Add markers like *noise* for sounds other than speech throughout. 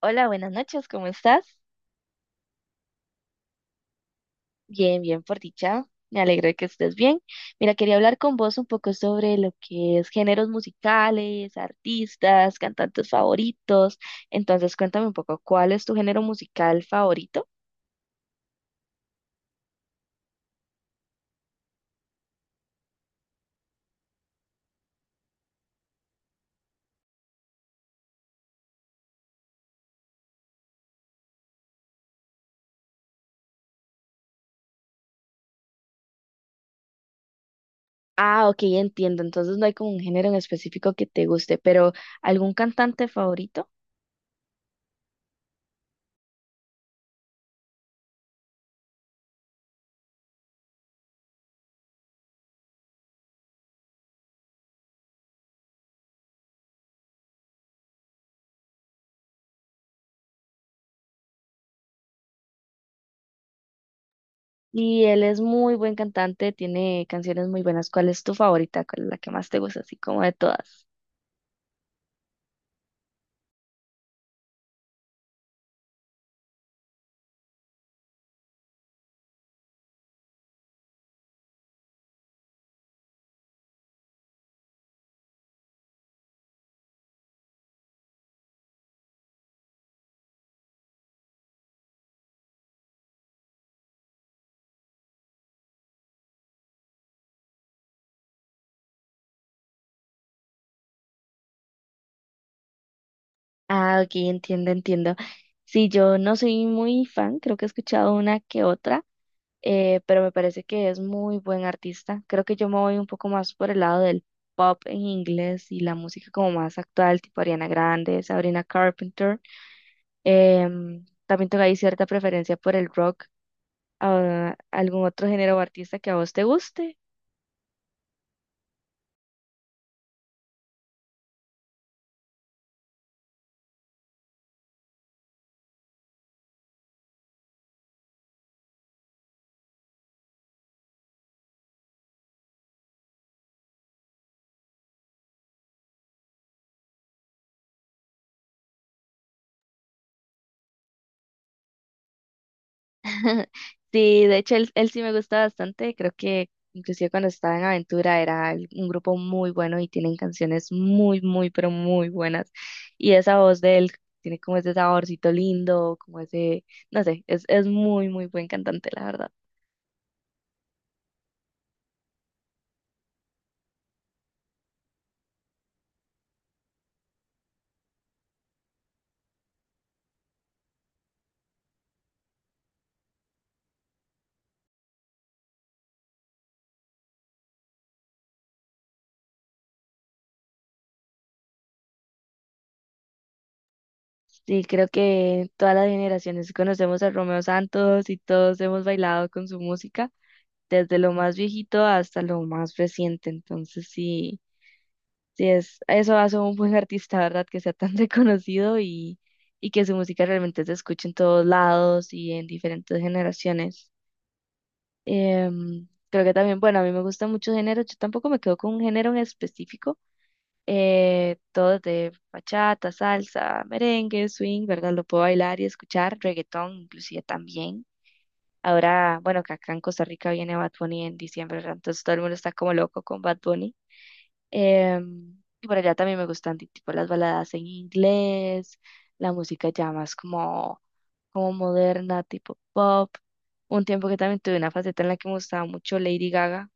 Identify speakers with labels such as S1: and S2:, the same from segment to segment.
S1: Hola, buenas noches, ¿cómo estás? Bien, bien, por dicha. Me alegro de que estés bien. Mira, quería hablar con vos un poco sobre lo que es géneros musicales, artistas, cantantes favoritos. Entonces, cuéntame un poco, ¿cuál es tu género musical favorito? Ah, ok, entiendo. Entonces no hay como un género en específico que te guste, pero ¿algún cantante favorito? Y él es muy buen cantante, tiene canciones muy buenas. ¿Cuál es tu favorita? ¿Cuál es la que más te gusta, así como de todas? Ah, ok, entiendo, entiendo. Sí, yo no soy muy fan, creo que he escuchado una que otra, pero me parece que es muy buen artista. Creo que yo me voy un poco más por el lado del pop en inglés y la música como más actual, tipo Ariana Grande, Sabrina Carpenter. También tengo ahí cierta preferencia por el rock. Ah, ¿algún otro género o artista que a vos te guste? *laughs* Sí, de hecho él sí me gusta bastante, creo que inclusive cuando estaba en Aventura era un grupo muy bueno y tienen canciones muy, muy, pero muy buenas. Y esa voz de él tiene como ese saborcito lindo, como ese, no sé, es muy, muy buen cantante, la verdad. Sí, creo que todas las generaciones conocemos a Romeo Santos y todos hemos bailado con su música, desde lo más viejito hasta lo más reciente, entonces sí. Eso hace un buen artista, ¿verdad? Que sea tan *laughs* reconocido y que su música realmente se escuche en todos lados y en diferentes generaciones. Creo que también, bueno, a mí me gustan muchos géneros, yo tampoco me quedo con un género en específico, todo de bachata, salsa, merengue, swing, ¿verdad? Lo puedo bailar y escuchar, reggaetón inclusive también. Ahora, bueno, que acá en Costa Rica viene Bad Bunny en diciembre, ¿verdad? Entonces todo el mundo está como loco con Bad Bunny. Y por allá también me gustan tipo las baladas en inglés, la música ya más como, como moderna, tipo pop. Un tiempo que también tuve una faceta en la que me gustaba mucho Lady Gaga,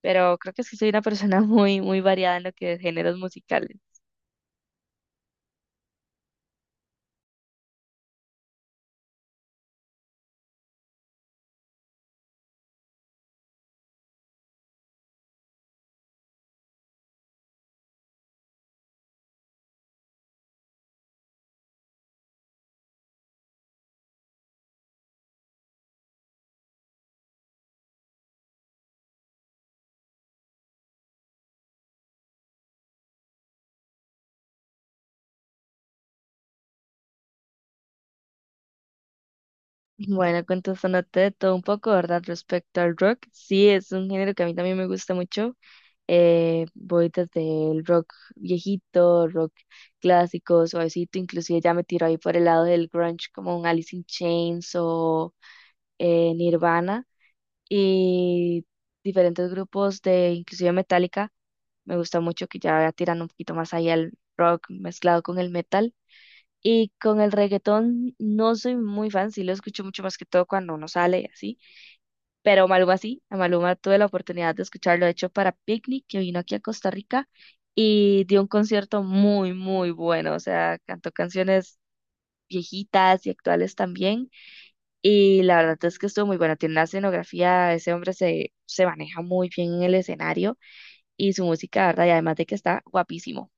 S1: pero creo que es que soy una persona *laughs* muy, muy variada en lo que es géneros musicales. Bueno, contestándote de todo un poco, ¿verdad? Respecto al rock, sí, es un género que a mí también me gusta mucho. Voy desde el rock viejito, rock clásico, suavecito, inclusive ya me tiro ahí por el lado del grunge como un Alice in Chains o Nirvana y diferentes grupos de inclusive Metallica. Me gusta mucho que ya tiran un poquito más ahí al rock mezclado con el metal. Y con el reggaetón no soy muy fan, sí lo escucho mucho más que todo cuando uno sale y así, pero Maluma sí, a Maluma tuve la oportunidad de escucharlo, de hecho, para Picnic, que vino aquí a Costa Rica y dio un concierto muy, muy bueno, o sea, cantó canciones viejitas y actuales también, y la verdad es que estuvo muy bueno, tiene una escenografía, ese hombre se maneja muy bien en el escenario y su música, ¿verdad? Y además de que está guapísimo.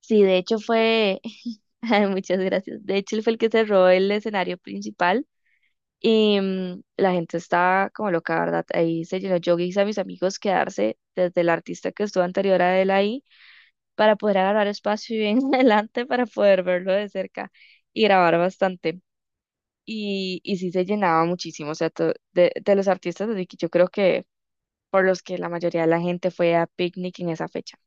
S1: Sí, de hecho fue, *laughs* ay, muchas gracias. De hecho, él fue el que se robó el escenario principal y la gente está como loca, ¿verdad? Ahí se llenó. Yo hice a mis amigos quedarse desde el artista que estuvo anterior a él ahí para poder agarrar espacio y bien *laughs* adelante para poder verlo de cerca y grabar bastante. Y sí se llenaba muchísimo, o sea, de los artistas de que yo creo que por los que la mayoría de la gente fue a Picnic en esa fecha.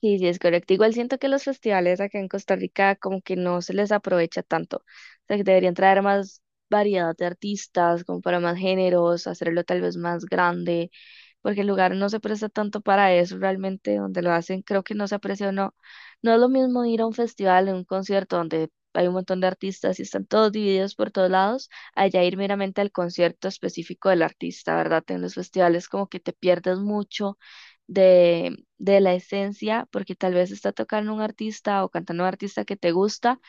S1: Sí, sí, es correcto. Igual siento que los festivales acá en Costa Rica como que no se les aprovecha tanto. O sea, que deberían traer más variedad de artistas, como para más géneros, hacerlo tal vez más grande, porque el lugar no se presta tanto para eso realmente, donde lo hacen, creo que no se aprecia o no. No es lo mismo ir a un festival, a un concierto donde hay un montón de artistas y están todos divididos por todos lados, allá ir meramente al concierto específico del artista, ¿verdad? En los festivales como que te pierdes mucho de la esencia, porque tal vez está tocando un artista o cantando un artista que te gusta,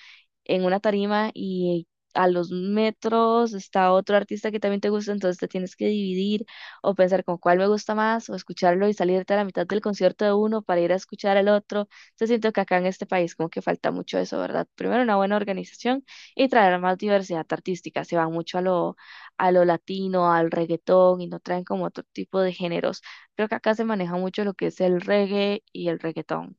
S1: en una tarima y a los metros está otro artista que también te gusta, entonces te tienes que dividir o pensar con cuál me gusta más o escucharlo y salirte a la mitad del concierto de uno para ir a escuchar al otro. Entonces siento que acá en este país como que falta mucho eso, ¿verdad? Primero una buena organización y traer más diversidad artística. Se van mucho a lo latino, al reggaetón y no traen como otro tipo de géneros. Creo que acá se maneja mucho lo que es el reggae y el reggaetón.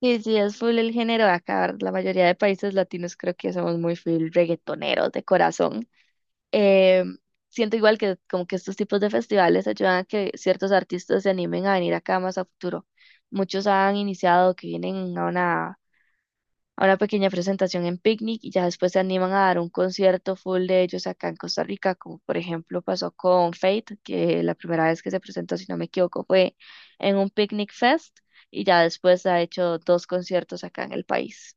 S1: Sí, sí, es full el género de acá. La mayoría de países latinos creo que somos muy full reggaetoneros de corazón. Eh, Siento igual que como que estos tipos de festivales ayudan a que ciertos artistas se animen a venir acá más a futuro. Muchos han iniciado que vienen a una pequeña presentación en Picnic y ya después se animan a dar un concierto full de ellos acá en Costa Rica, como por ejemplo pasó con Fate, que la primera vez que se presentó, si no me equivoco, fue en un Picnic Fest y ya después ha hecho dos conciertos acá en el país.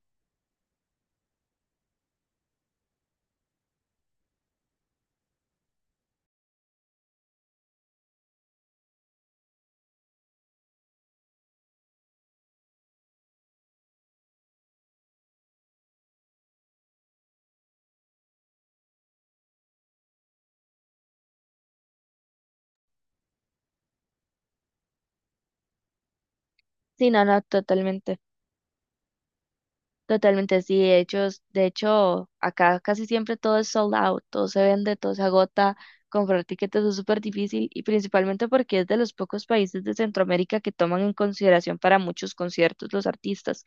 S1: Sí, no, no, totalmente. Totalmente, sí, de hecho, acá casi siempre todo es sold out, todo se vende, todo se agota, comprar tiquetes es súper difícil y principalmente porque es de los pocos países de Centroamérica que toman en consideración para muchos conciertos los artistas.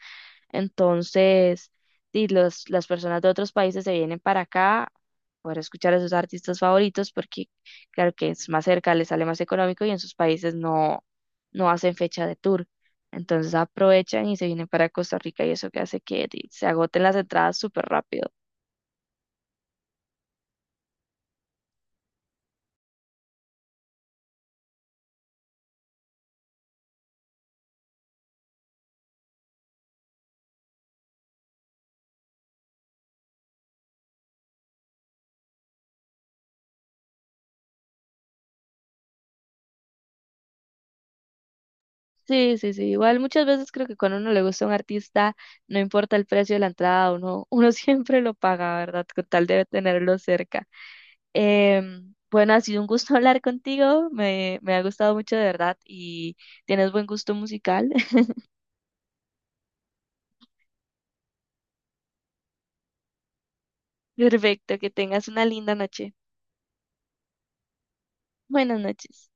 S1: Entonces, sí, las personas de otros países se vienen para acá para escuchar a sus artistas favoritos porque claro que es más cerca, les sale más económico y en sus países no hacen fecha de tour. Entonces aprovechan y se vienen para Costa Rica y eso que hace que se agoten las entradas súper rápido. Sí, sí, sí. Igual muchas veces creo que cuando uno le gusta a un artista, no importa el precio de la entrada, uno *laughs* siempre lo paga, ¿verdad? Con tal de tenerlo cerca. Bueno, ha sido un gusto *laughs* hablar contigo, me ha gustado mucho de verdad y tienes buen gusto musical. *laughs* Perfecto, que tengas una linda noche. Buenas noches.